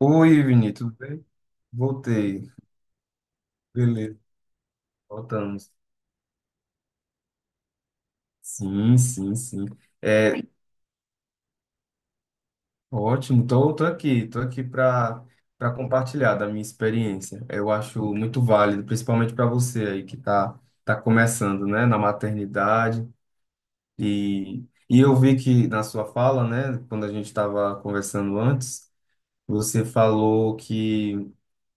Oi, Vini, tudo bem? Voltei. Beleza, voltamos. Sim, sim, sim. É ótimo. Tô aqui para compartilhar da minha experiência. Eu acho muito válido, principalmente para você aí que tá começando, né, na maternidade e e eu vi que na sua fala, né, quando a gente estava conversando antes, você falou que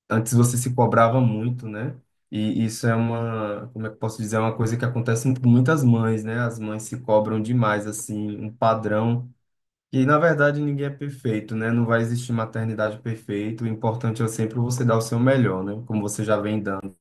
antes você se cobrava muito, né? E isso é uma, como é que eu posso dizer, é uma coisa que acontece com muitas mães, né? As mães se cobram demais, assim, um padrão. E na verdade ninguém é perfeito, né? Não vai existir maternidade perfeita. O importante é sempre você dar o seu melhor, né? Como você já vem dando.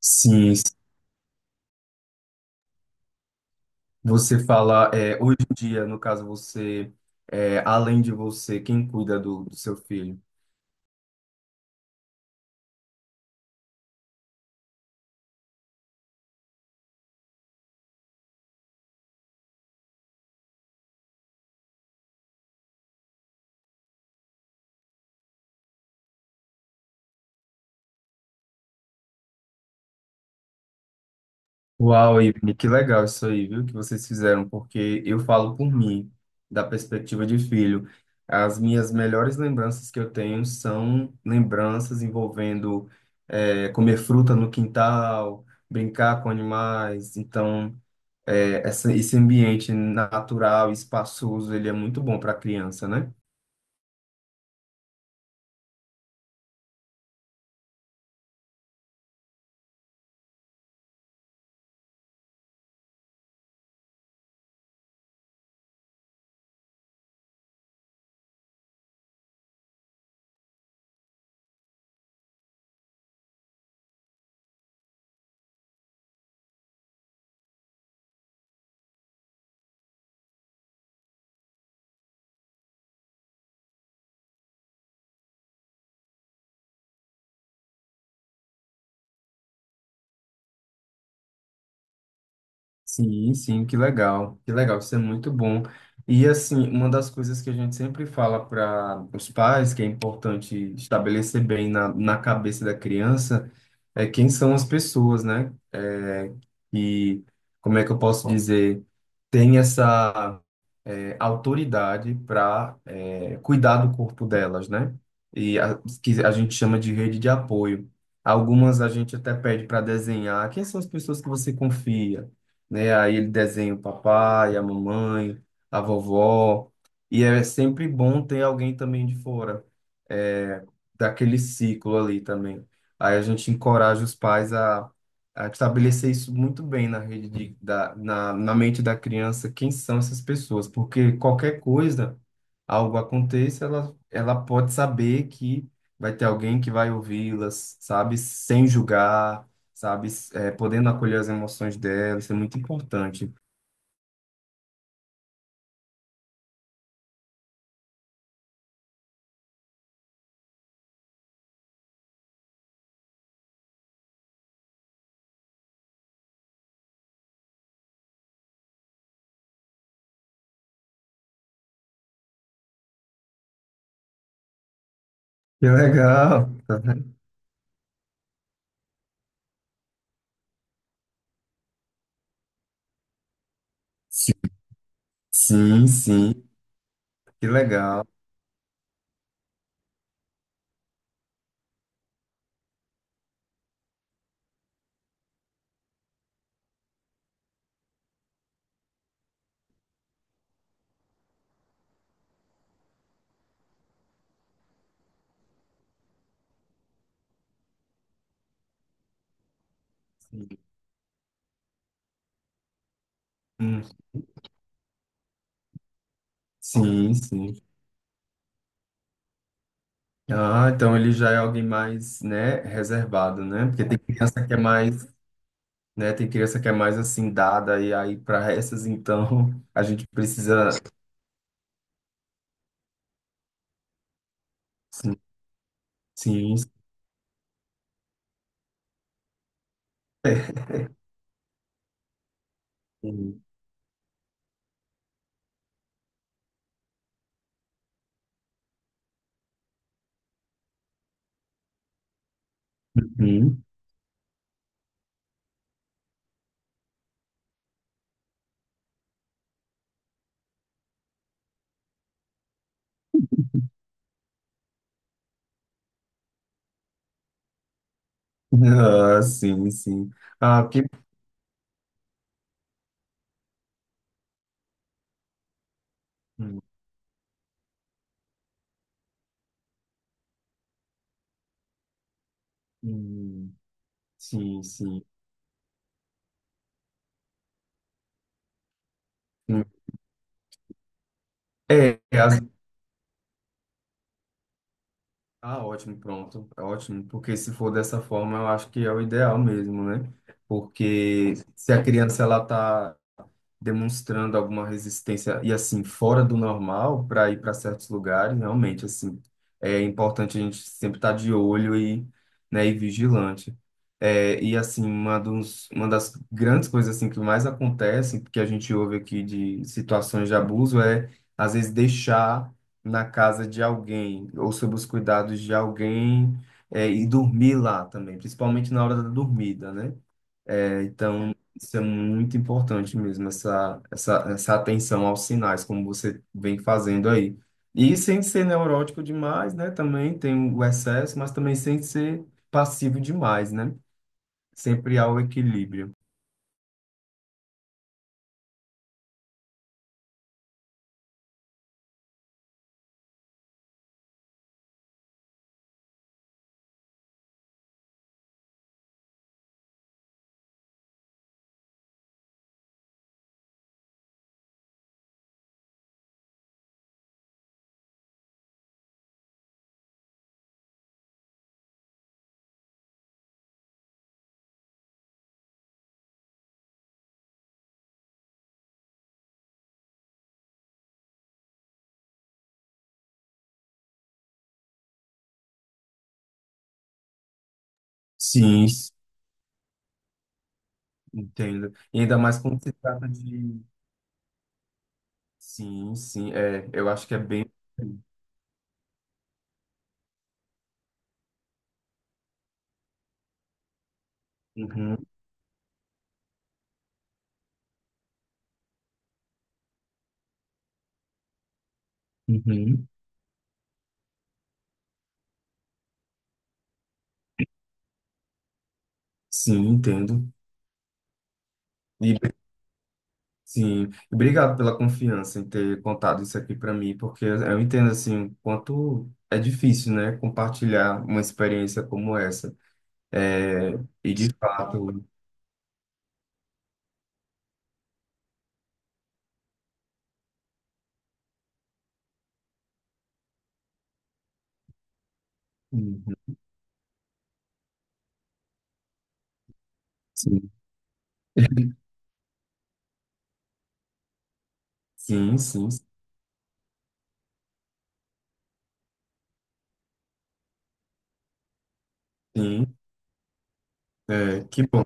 Sim, se você fala, é, hoje em dia, no caso você, é, além de você, quem cuida do seu filho? Uau, Ivne, que legal isso aí, viu, que vocês fizeram, porque eu falo por mim, da perspectiva de filho. As minhas melhores lembranças que eu tenho são lembranças envolvendo comer fruta no quintal, brincar com animais. Então, esse ambiente natural, espaçoso, ele é muito bom para a criança, né? Sim, sim, que legal, isso é muito bom. E assim, uma das coisas que a gente sempre fala para os pais, que é importante estabelecer bem na cabeça da criança, é quem são as pessoas, né? E como é que eu posso dizer? Tem essa autoridade para cuidar do corpo delas, né? E que a gente chama de rede de apoio. Algumas a gente até pede para desenhar. Quem são as pessoas que você confia? Né? Aí ele desenha o papai, a mamãe, a vovó. E é sempre bom ter alguém também de fora, é, daquele ciclo ali também. Aí a gente encoraja os pais a estabelecer isso muito bem na rede de, da, na, na mente da criança, quem são essas pessoas, porque qualquer coisa, algo aconteça, ela pode saber que vai ter alguém que vai ouvi-las, sabe, sem julgar, sabe, podendo acolher as emoções dela, isso é muito importante. Que legal! Tá vendo? Sim, sim, sim, que legal. Hum. Sim, sim. Ah, então ele já é alguém mais, né, reservado, né? Porque tem criança que é mais, né? Tem criança que é mais assim dada e aí para essas então a gente precisa. Sim, sim, sim. Uhum. Ah, sim, sim. Ah, porque. Hum, hum, sim, sim. Hum. É, é, as- Ah, ótimo, pronto, é ótimo, porque se for dessa forma, eu acho que é o ideal mesmo, né? Porque se a criança ela tá demonstrando alguma resistência e assim fora do normal para ir para certos lugares, realmente assim é importante a gente sempre estar de olho e, né, e vigilante. É, e assim uma das grandes coisas assim que mais acontece, que a gente ouve aqui de situações de abuso é às vezes deixar na casa de alguém ou sob os cuidados de alguém é, e dormir lá também, principalmente na hora da dormida, né? É, então, isso é muito importante mesmo, essa atenção aos sinais, como você vem fazendo aí. E sem ser neurótico demais, né? Também tem o excesso, mas também sem ser passivo demais, né? Sempre há o equilíbrio. Sim, entendo. E ainda mais quando se trata de. Sim, sim, é, eu acho que é bem. Uhum, uhum. Sim, entendo. Sim, obrigado pela confiança em ter contado isso aqui para mim, porque eu entendo assim o quanto é difícil, né, compartilhar uma experiência como essa. É, e de fato. Uhum. Sim, sim, sim, sim. É, que bom.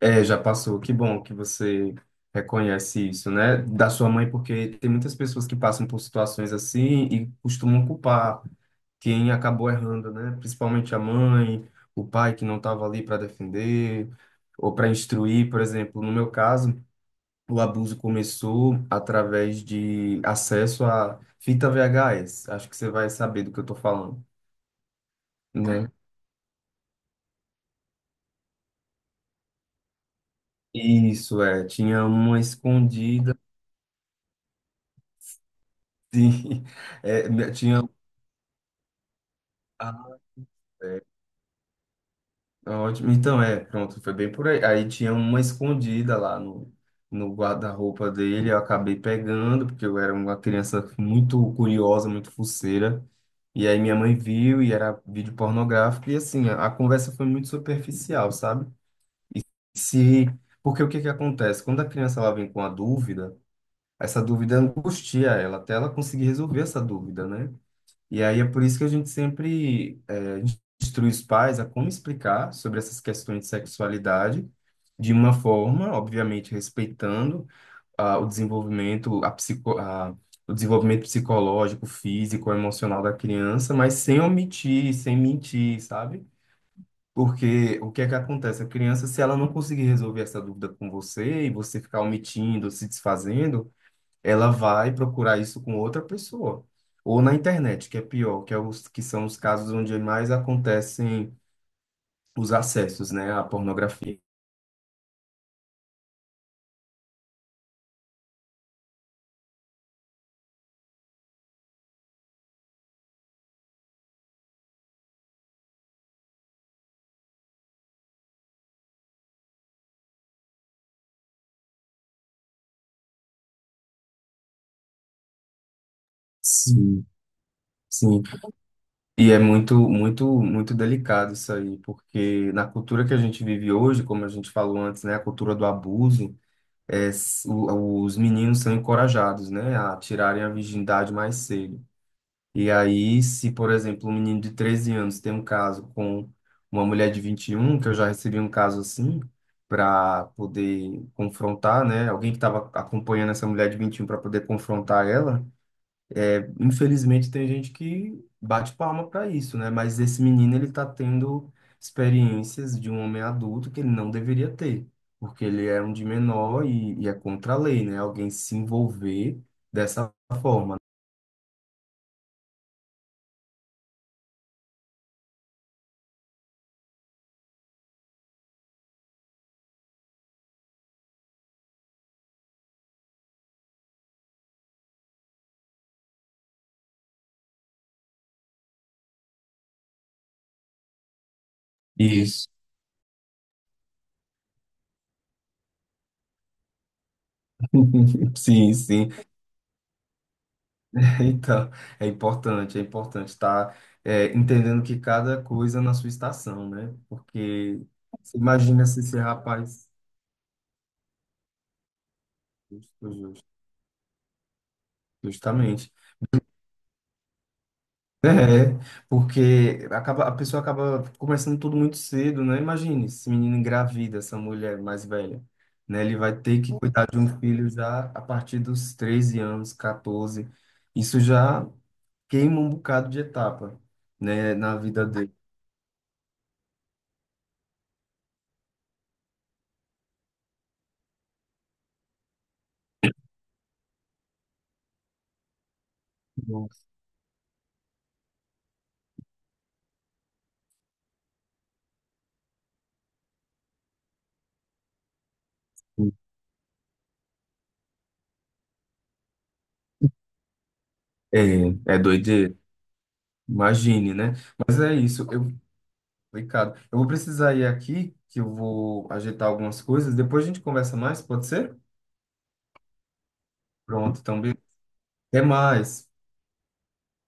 É, já passou. Que bom que você reconhece isso, né, da sua mãe, porque tem muitas pessoas que passam por situações assim e costumam culpar quem acabou errando, né? Principalmente a mãe, o pai que não estava ali para defender ou para instruir, por exemplo, no meu caso, o abuso começou através de acesso à fita VHS. Acho que você vai saber do que eu tô falando, né? Isso é, tinha uma escondida. Sim. É, tinha ah, Ah, ótimo. Então, é, pronto, foi bem por aí. Aí tinha uma escondida lá no guarda-roupa dele, eu acabei pegando, porque eu era uma criança muito curiosa, muito fuceira. E aí minha mãe viu e era vídeo pornográfico, e assim, a conversa foi muito superficial, sabe? Se, porque o que que acontece? Quando a criança ela vem com a dúvida, essa dúvida angustia ela, até ela conseguir resolver essa dúvida, né? E aí é por isso que a gente sempre instrui os pais a como explicar sobre essas questões de sexualidade de uma forma, obviamente, respeitando ah, o desenvolvimento, a psico, a, o desenvolvimento psicológico, físico, emocional da criança, mas sem omitir, sem mentir, sabe? Porque o que é que acontece? A criança, se ela não conseguir resolver essa dúvida com você e você ficar omitindo, se desfazendo, ela vai procurar isso com outra pessoa. Ou na internet, que é pior, que são os casos onde mais acontecem os acessos, né, à pornografia. Sim. Sim. E é muito, muito, muito delicado isso aí, porque na cultura que a gente vive hoje, como a gente falou antes, né, a cultura do abuso, os meninos são encorajados, né, a tirarem a virgindade mais cedo. E aí, se, por exemplo, um menino de 13 anos tem um caso com uma mulher de 21, que eu já recebi um caso assim, para poder confrontar, né? Alguém que estava acompanhando essa mulher de 21 para poder confrontar ela. É, infelizmente, tem gente que bate palma para isso, né? Mas esse menino, ele tá tendo experiências de um homem adulto que ele não deveria ter, porque ele é um de menor e é contra a lei, né? Alguém se envolver dessa forma. Isso. Sim, sim. Então, é importante estar entendendo que cada coisa na sua estação, né? Porque você imagina se esse rapaz, justo, justo, justamente, é, porque acaba, a pessoa acaba começando tudo muito cedo, né? Imagine esse menino engravida, essa mulher mais velha, né? Ele vai ter que cuidar de um filho já a partir dos 13 anos, 14. Isso já queima um bocado de etapa, né, na vida dele. É, é doideira. Imagine, né? Mas é isso. Eu, Ricardo, eu vou precisar ir aqui, que eu vou ajeitar algumas coisas. Depois a gente conversa mais, pode ser? Pronto, então, até mais.